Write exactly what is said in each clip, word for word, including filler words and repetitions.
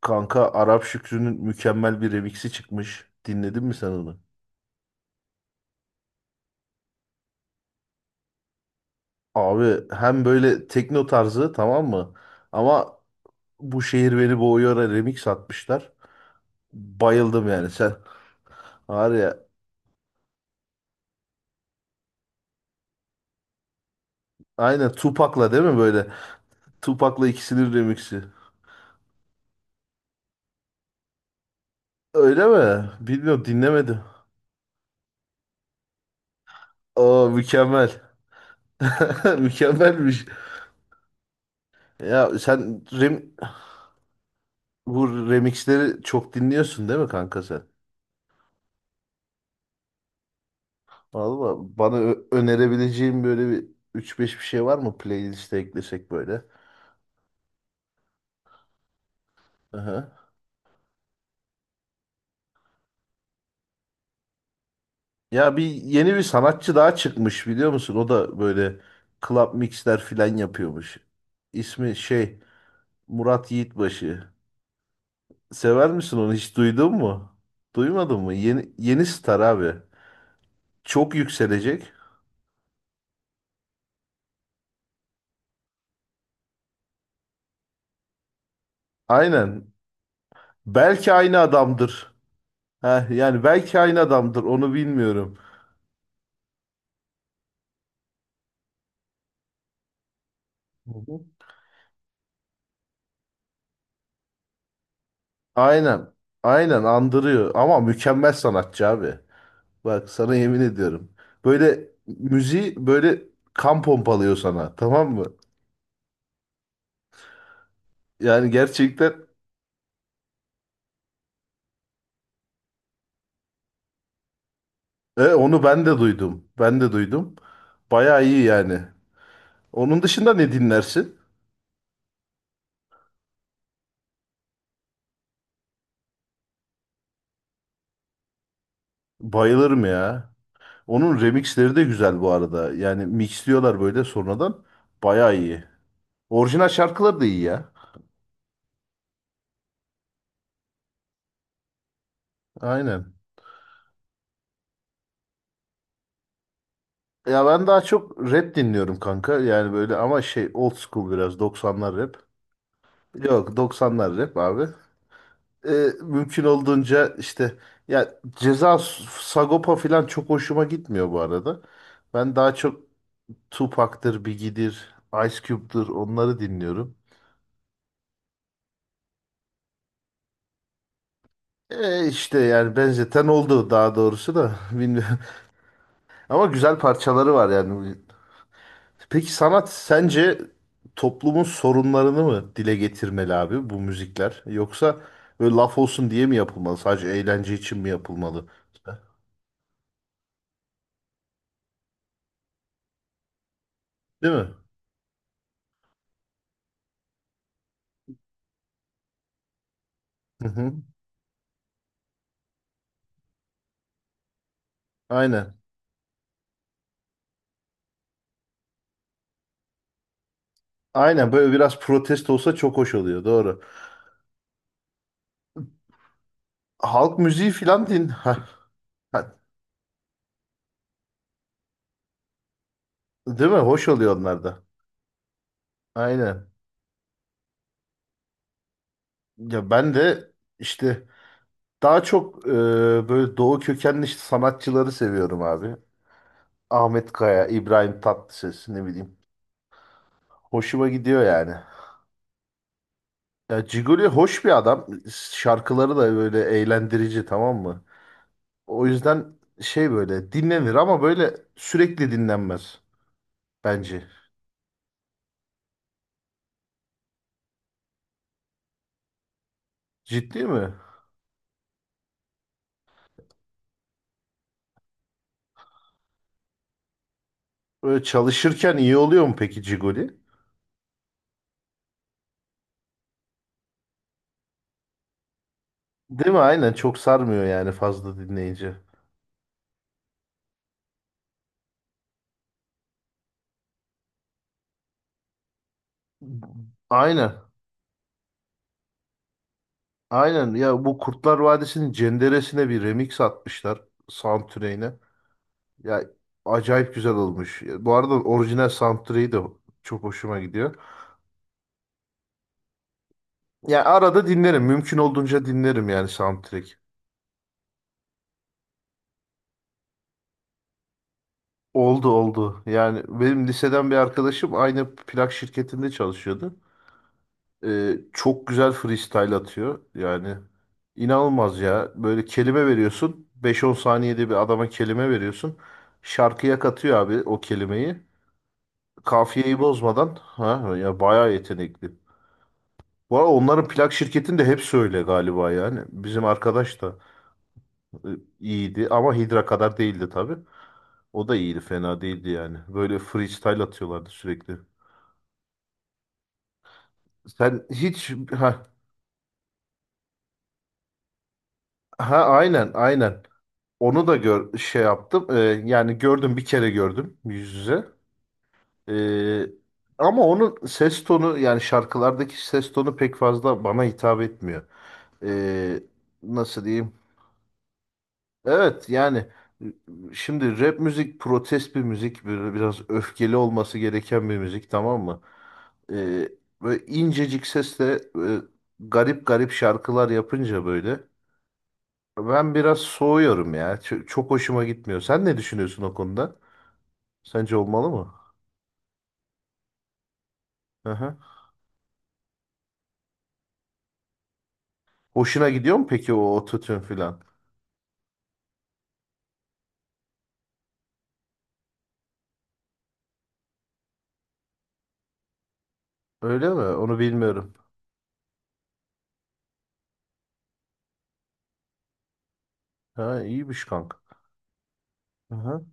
Kanka Arap Şükrü'nün mükemmel bir remix'i çıkmış. Dinledin mi sen onu? Abi hem böyle tekno tarzı, tamam mı? Ama bu şehir beni boğuyor'a remix atmışlar. Bayıldım yani sen. Var ya, aynen Tupac'la değil mi böyle? Tupac'la ikisinin remix'i. Öyle mi? Bilmiyorum, dinlemedim. Aa, mükemmel. Mükemmelmiş. Ya sen rem Bu remixleri çok dinliyorsun değil mi kanka sen? Valla bana ö- önerebileceğim böyle bir üç beş bir şey var mı, playlist'e eklesek böyle? Aha. Ya bir yeni bir sanatçı daha çıkmış, biliyor musun? O da böyle club mixler filan yapıyormuş. İsmi şey Murat Yiğitbaşı. Sever misin, onu hiç duydun mu? Duymadın mı? Yeni, yeni star abi. Çok yükselecek. Aynen. Belki aynı adamdır. Heh, yani belki aynı adamdır, onu bilmiyorum. Hı hı. Aynen. Aynen andırıyor ama mükemmel sanatçı abi. Bak, sana yemin ediyorum. Böyle müziği böyle kan pompalıyor sana, tamam mı? Yani gerçekten e, onu ben de duydum. Ben de duydum. Bayağı iyi yani. Onun dışında ne dinlersin? Bayılırım ya. Onun remixleri de güzel bu arada. Yani mixliyorlar böyle sonradan. Bayağı iyi. Orijinal şarkıları da iyi ya. Aynen. Ya ben daha çok rap dinliyorum kanka. Yani böyle ama şey old school, biraz doksanlar rap. Yok, doksanlar rap abi. Ee, Mümkün olduğunca işte, ya Ceza Sagopa falan çok hoşuma gitmiyor bu arada. Ben daha çok Tupac'tır, Biggie'dir, Ice Cube'dur, onları dinliyorum. Ee, işte yani benzeten oldu daha doğrusu da bilmiyorum. Ama güzel parçaları var yani. Peki sanat sence toplumun sorunlarını mı dile getirmeli abi bu müzikler? Yoksa böyle laf olsun diye mi yapılmalı? Sadece eğlence için mi yapılmalı? Değil mi? Hı hı. Aynen. Aynen böyle biraz protest olsa çok hoş oluyor. Doğru. Halk müziği filan din. Ha, ha. Değil mi? Hoş oluyor onlar da. Aynen. Ya ben de işte daha çok e, böyle doğu kökenli işte sanatçıları seviyorum abi. Ahmet Kaya, İbrahim Tatlıses, ne bileyim. Hoşuma gidiyor yani. Ya Ciguli hoş bir adam. Şarkıları da böyle eğlendirici, tamam mı? O yüzden şey böyle dinlenir ama böyle sürekli dinlenmez bence. Ciddi mi? Böyle çalışırken iyi oluyor mu peki Ciguli? Değil mi? Aynen, çok sarmıyor yani fazla dinleyince. Aynen. Aynen. Ya bu Kurtlar Vadisi'nin Cenderesine bir remix atmışlar, soundtrack'ine. Ya acayip güzel olmuş. Bu arada orijinal soundtrack'i de çok hoşuma gidiyor. Yani arada dinlerim. Mümkün olduğunca dinlerim yani soundtrack. Oldu oldu. Yani benim liseden bir arkadaşım aynı plak şirketinde çalışıyordu. Ee, çok güzel freestyle atıyor. Yani inanılmaz ya. Böyle kelime veriyorsun. beş on saniyede bir adama kelime veriyorsun. Şarkıya katıyor abi o kelimeyi. Kafiyeyi bozmadan. Ha, ya bayağı yetenekli. Bu arada onların plak şirketinde hepsi öyle galiba yani. Bizim arkadaş da e, iyiydi ama Hidra kadar değildi tabii. O da iyiydi, fena değildi yani. Böyle freestyle atıyorlardı sürekli. Sen hiç, ha, ha, aynen aynen. Onu da gör şey yaptım. Ee, yani gördüm, bir kere gördüm yüz yüze. Ee, Ama onun ses tonu yani şarkılardaki ses tonu pek fazla bana hitap etmiyor. Ee, Nasıl diyeyim? Evet yani şimdi rap müzik protest bir müzik, böyle biraz öfkeli olması gereken bir müzik, tamam mı? Ee, Böyle incecik sesle e, garip garip şarkılar yapınca böyle ben biraz soğuyorum ya. Ç- çok hoşuma gitmiyor. Sen ne düşünüyorsun o konuda? Sence olmalı mı? Hı hı. Hoşuna gidiyor mu peki o ototune filan? Öyle mi? Onu bilmiyorum. Ha, iyiymiş kanka. Hı hı.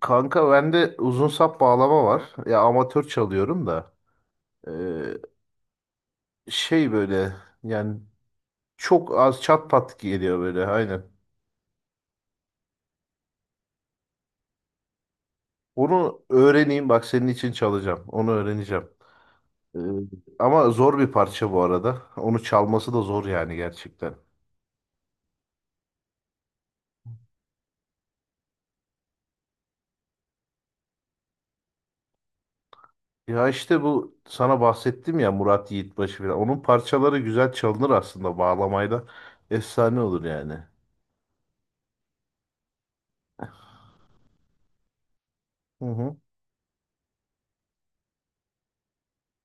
Kanka bende uzun sap bağlama var. Ya amatör çalıyorum da şey böyle yani çok az çat pat geliyor böyle aynen. Onu öğreneyim, bak senin için çalacağım. Onu öğreneceğim. Ee, Ama zor bir parça bu arada. Onu çalması da zor yani gerçekten. Ya işte bu sana bahsettim ya, Murat Yiğitbaşı falan. Onun parçaları güzel çalınır aslında bağlamayla. Efsane olur yani. Hı hı.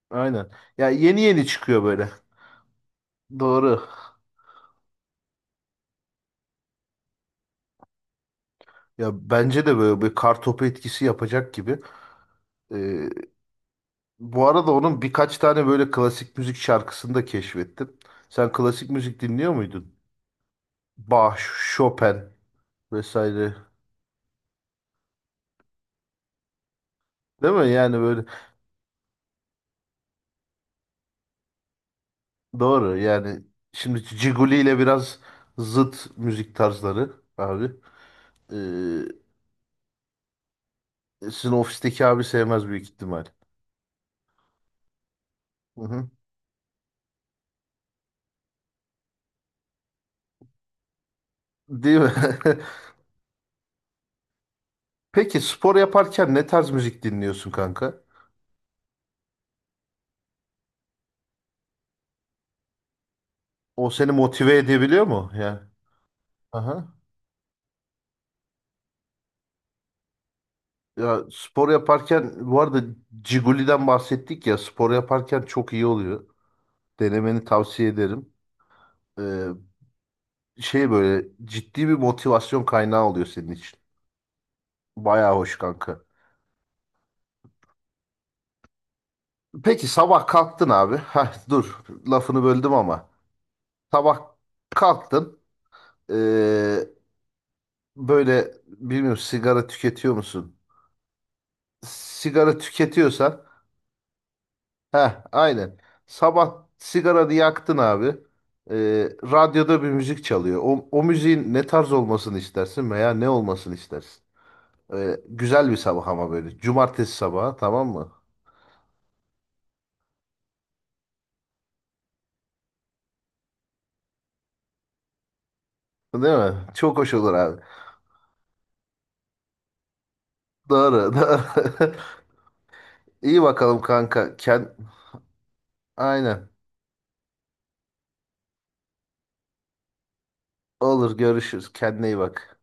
Aynen. Ya yeni yeni çıkıyor böyle. Doğru. Ya bence de böyle bir kartopu etkisi yapacak gibi. Ee, Bu arada onun birkaç tane böyle klasik müzik şarkısını da keşfettim. Sen klasik müzik dinliyor muydun? Bach, Chopin vesaire. Değil mi? Yani böyle, doğru. Yani şimdi Ciguli ile biraz zıt müzik tarzları abi. Ee, Sizin ofisteki abi sevmez büyük ihtimal. Hı hı. Değil mi? Peki spor yaparken ne tarz müzik dinliyorsun kanka? O seni motive edebiliyor mu? Yani. Aha. Ya spor yaparken bu arada, Ciguli'den bahsettik ya, spor yaparken çok iyi oluyor. Denemeni tavsiye ederim. Ee, Şey böyle ciddi bir motivasyon kaynağı oluyor senin için. Bayağı hoş kanka. Peki sabah kalktın abi. Heh, dur, lafını böldüm ama. Sabah kalktın. Ee, Böyle bilmiyorum, sigara tüketiyor musun? Sigara tüketiyorsan heh, aynen. Sabah sigaranı yaktın abi. Ee, radyoda bir müzik çalıyor. O, o müziğin ne tarz olmasını istersin veya ne olmasını istersin? Ee, güzel bir sabah ama böyle. Cumartesi sabahı, tamam mı? Değil mi? Çok hoş olur abi. Doğru, doğru. İyi bakalım kanka. Kend... Aynen. Olur, görüşürüz. Kendine iyi bak.